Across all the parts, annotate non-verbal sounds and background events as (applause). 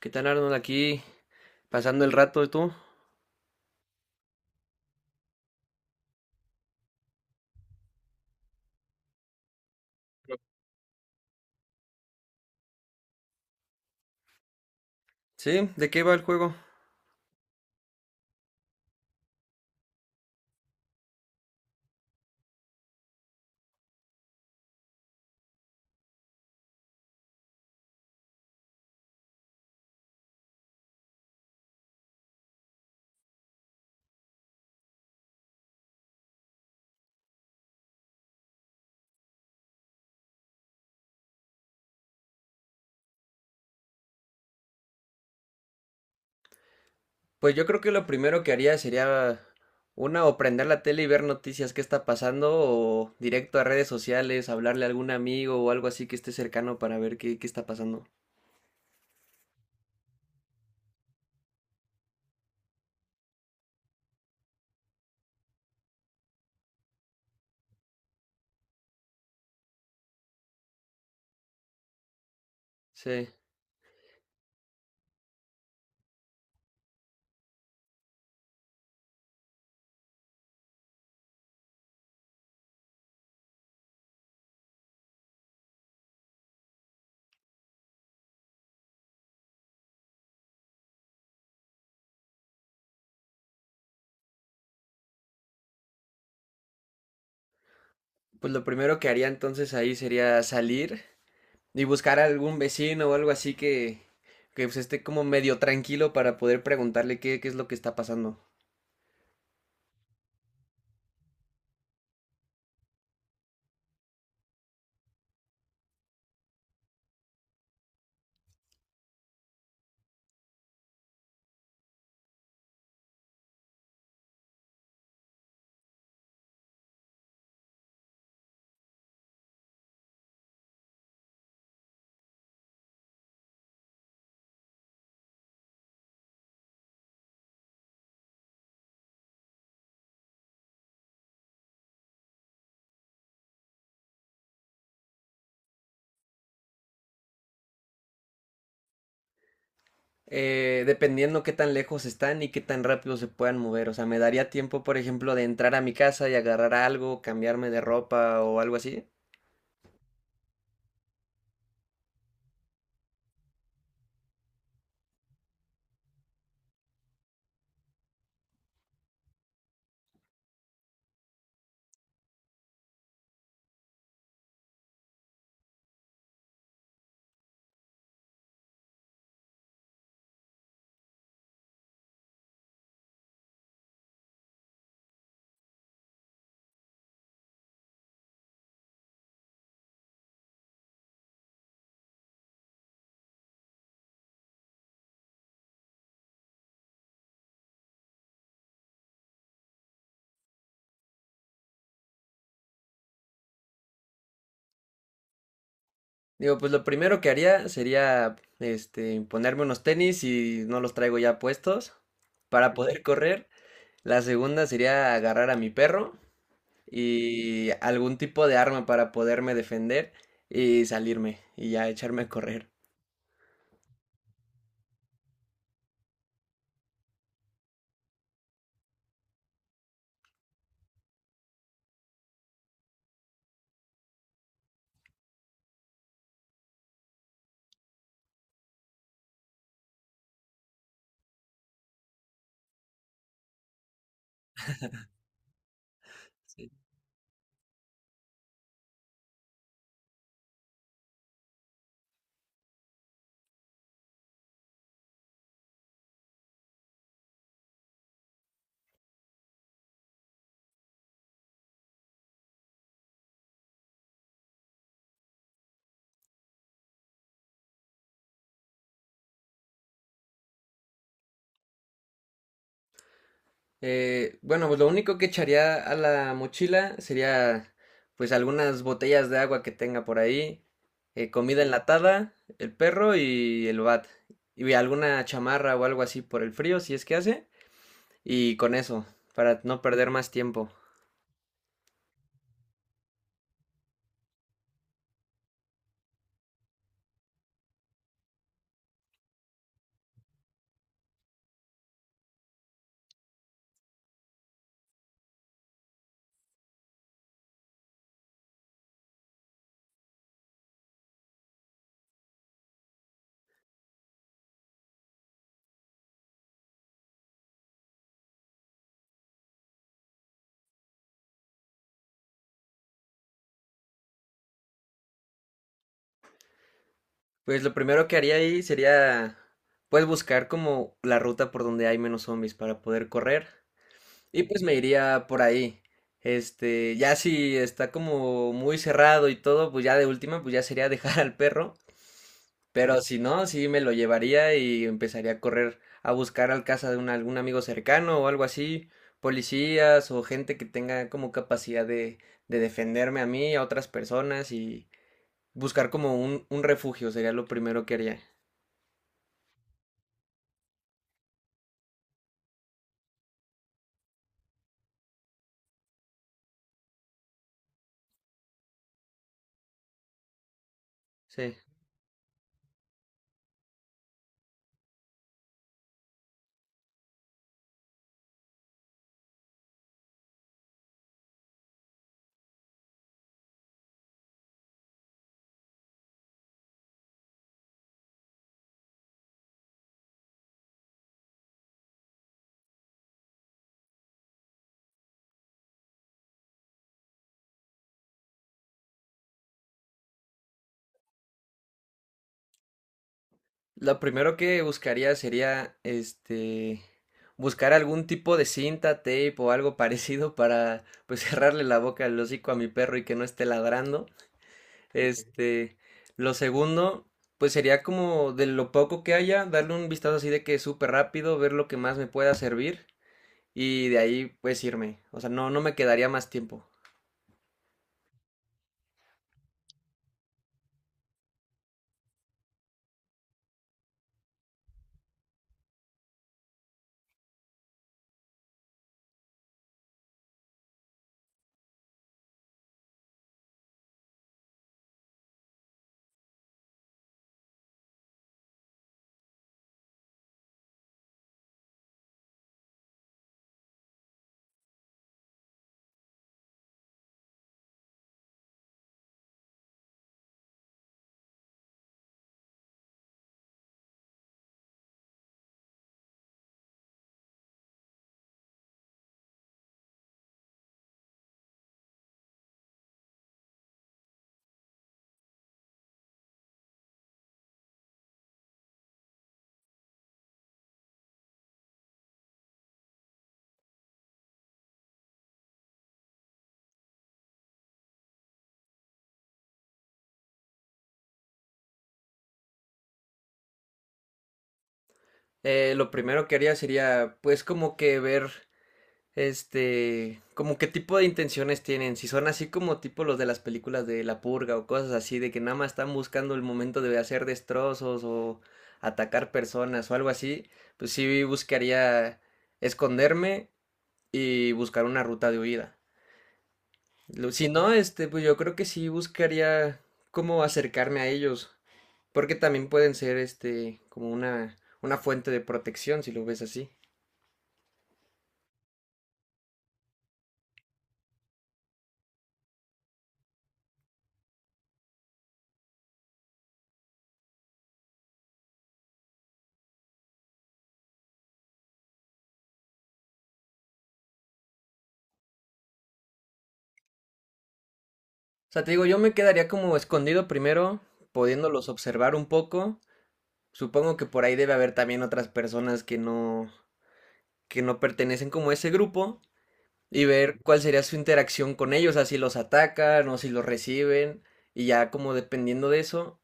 ¿Qué tal, Arnold? Aquí pasando el rato, ¿y tú? Sí, ¿de qué va el juego? Pues yo creo que lo primero que haría sería una o prender la tele y ver noticias, qué está pasando, o directo a redes sociales, hablarle a algún amigo o algo así que esté cercano para ver qué está pasando. Sí, pues lo primero que haría entonces ahí sería salir y buscar a algún vecino o algo así que pues, esté como medio tranquilo para poder preguntarle qué es lo que está pasando. Dependiendo qué tan lejos están y qué tan rápido se puedan mover. O sea, me daría tiempo, por ejemplo, de entrar a mi casa y agarrar algo, cambiarme de ropa o algo así. Digo, pues lo primero que haría sería, este, ponerme unos tenis y no los traigo ya puestos para poder correr. La segunda sería agarrar a mi perro y algún tipo de arma para poderme defender y salirme y ya echarme a correr. Bueno, pues lo único que echaría a la mochila sería pues algunas botellas de agua que tenga por ahí, comida enlatada, el perro y el bat, y alguna chamarra o algo así por el frío, si es que hace, y con eso, para no perder más tiempo. Pues lo primero que haría ahí sería pues buscar como la ruta por donde hay menos zombies para poder correr. Y pues me iría por ahí. Este, ya si está como muy cerrado y todo, pues ya de última, pues ya sería (laughs) dejar al perro. Pero si no, sí me lo llevaría y empezaría a correr a buscar al casa de un, algún amigo cercano o algo así, policías o gente que tenga como capacidad de defenderme a mí, a otras personas y buscar como un refugio sería lo primero que haría. Sí. Lo primero que buscaría sería, este, buscar algún tipo de cinta, tape o algo (laughs) parecido para, pues, (laughs) cerrarle la boca, al hocico a mi perro y que no esté ladrando. Este, lo segundo, pues, sería como de lo poco que haya, darle un vistazo así de que súper rápido, ver lo que más me pueda servir y de ahí, pues, irme. O sea, no me quedaría más tiempo. Lo primero que haría sería, pues, como que ver este, como qué tipo de intenciones tienen, si son así como tipo los de las películas de La Purga o cosas así, de que nada más están buscando el momento de hacer destrozos o atacar personas o algo así, pues sí buscaría esconderme y buscar una ruta de huida. Lo- Si no, este, pues yo creo que sí buscaría cómo acercarme a ellos, porque también pueden ser, este, como una fuente de protección, si lo ves así. O sea, te digo, yo me quedaría como escondido primero, pudiéndolos observar un poco. Supongo que por ahí debe haber también otras personas que no pertenecen como a ese grupo y ver cuál sería su interacción con ellos, así los atacan o si los reciben y ya como dependiendo de eso,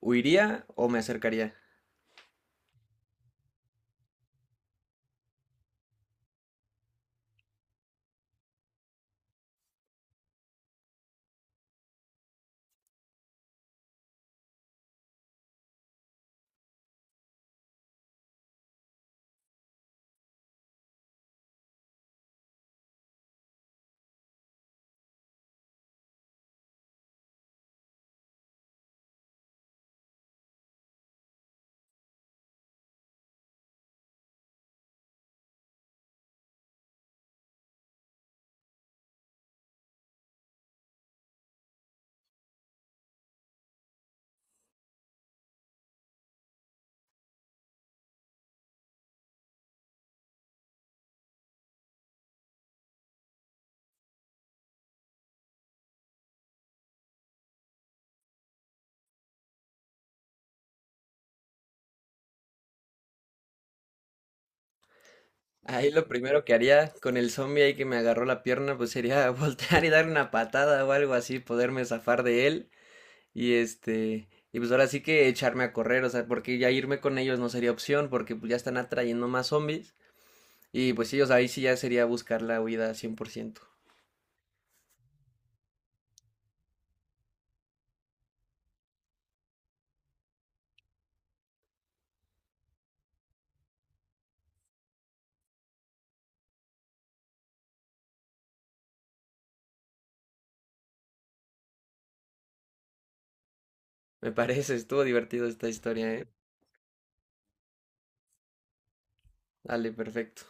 huiría o me acercaría. Ahí lo primero que haría con el zombie ahí que me agarró la pierna, pues sería (laughs) voltear y darle una patada o algo así, poderme zafar de él. Y este, y pues ahora sí que echarme a correr, o sea, porque ya irme con ellos no sería opción, porque pues ya están atrayendo más zombies. Y pues ellos ahí sí ya sería buscar la huida 100%. Me parece, estuvo divertido esta historia, ¿eh? Dale, perfecto.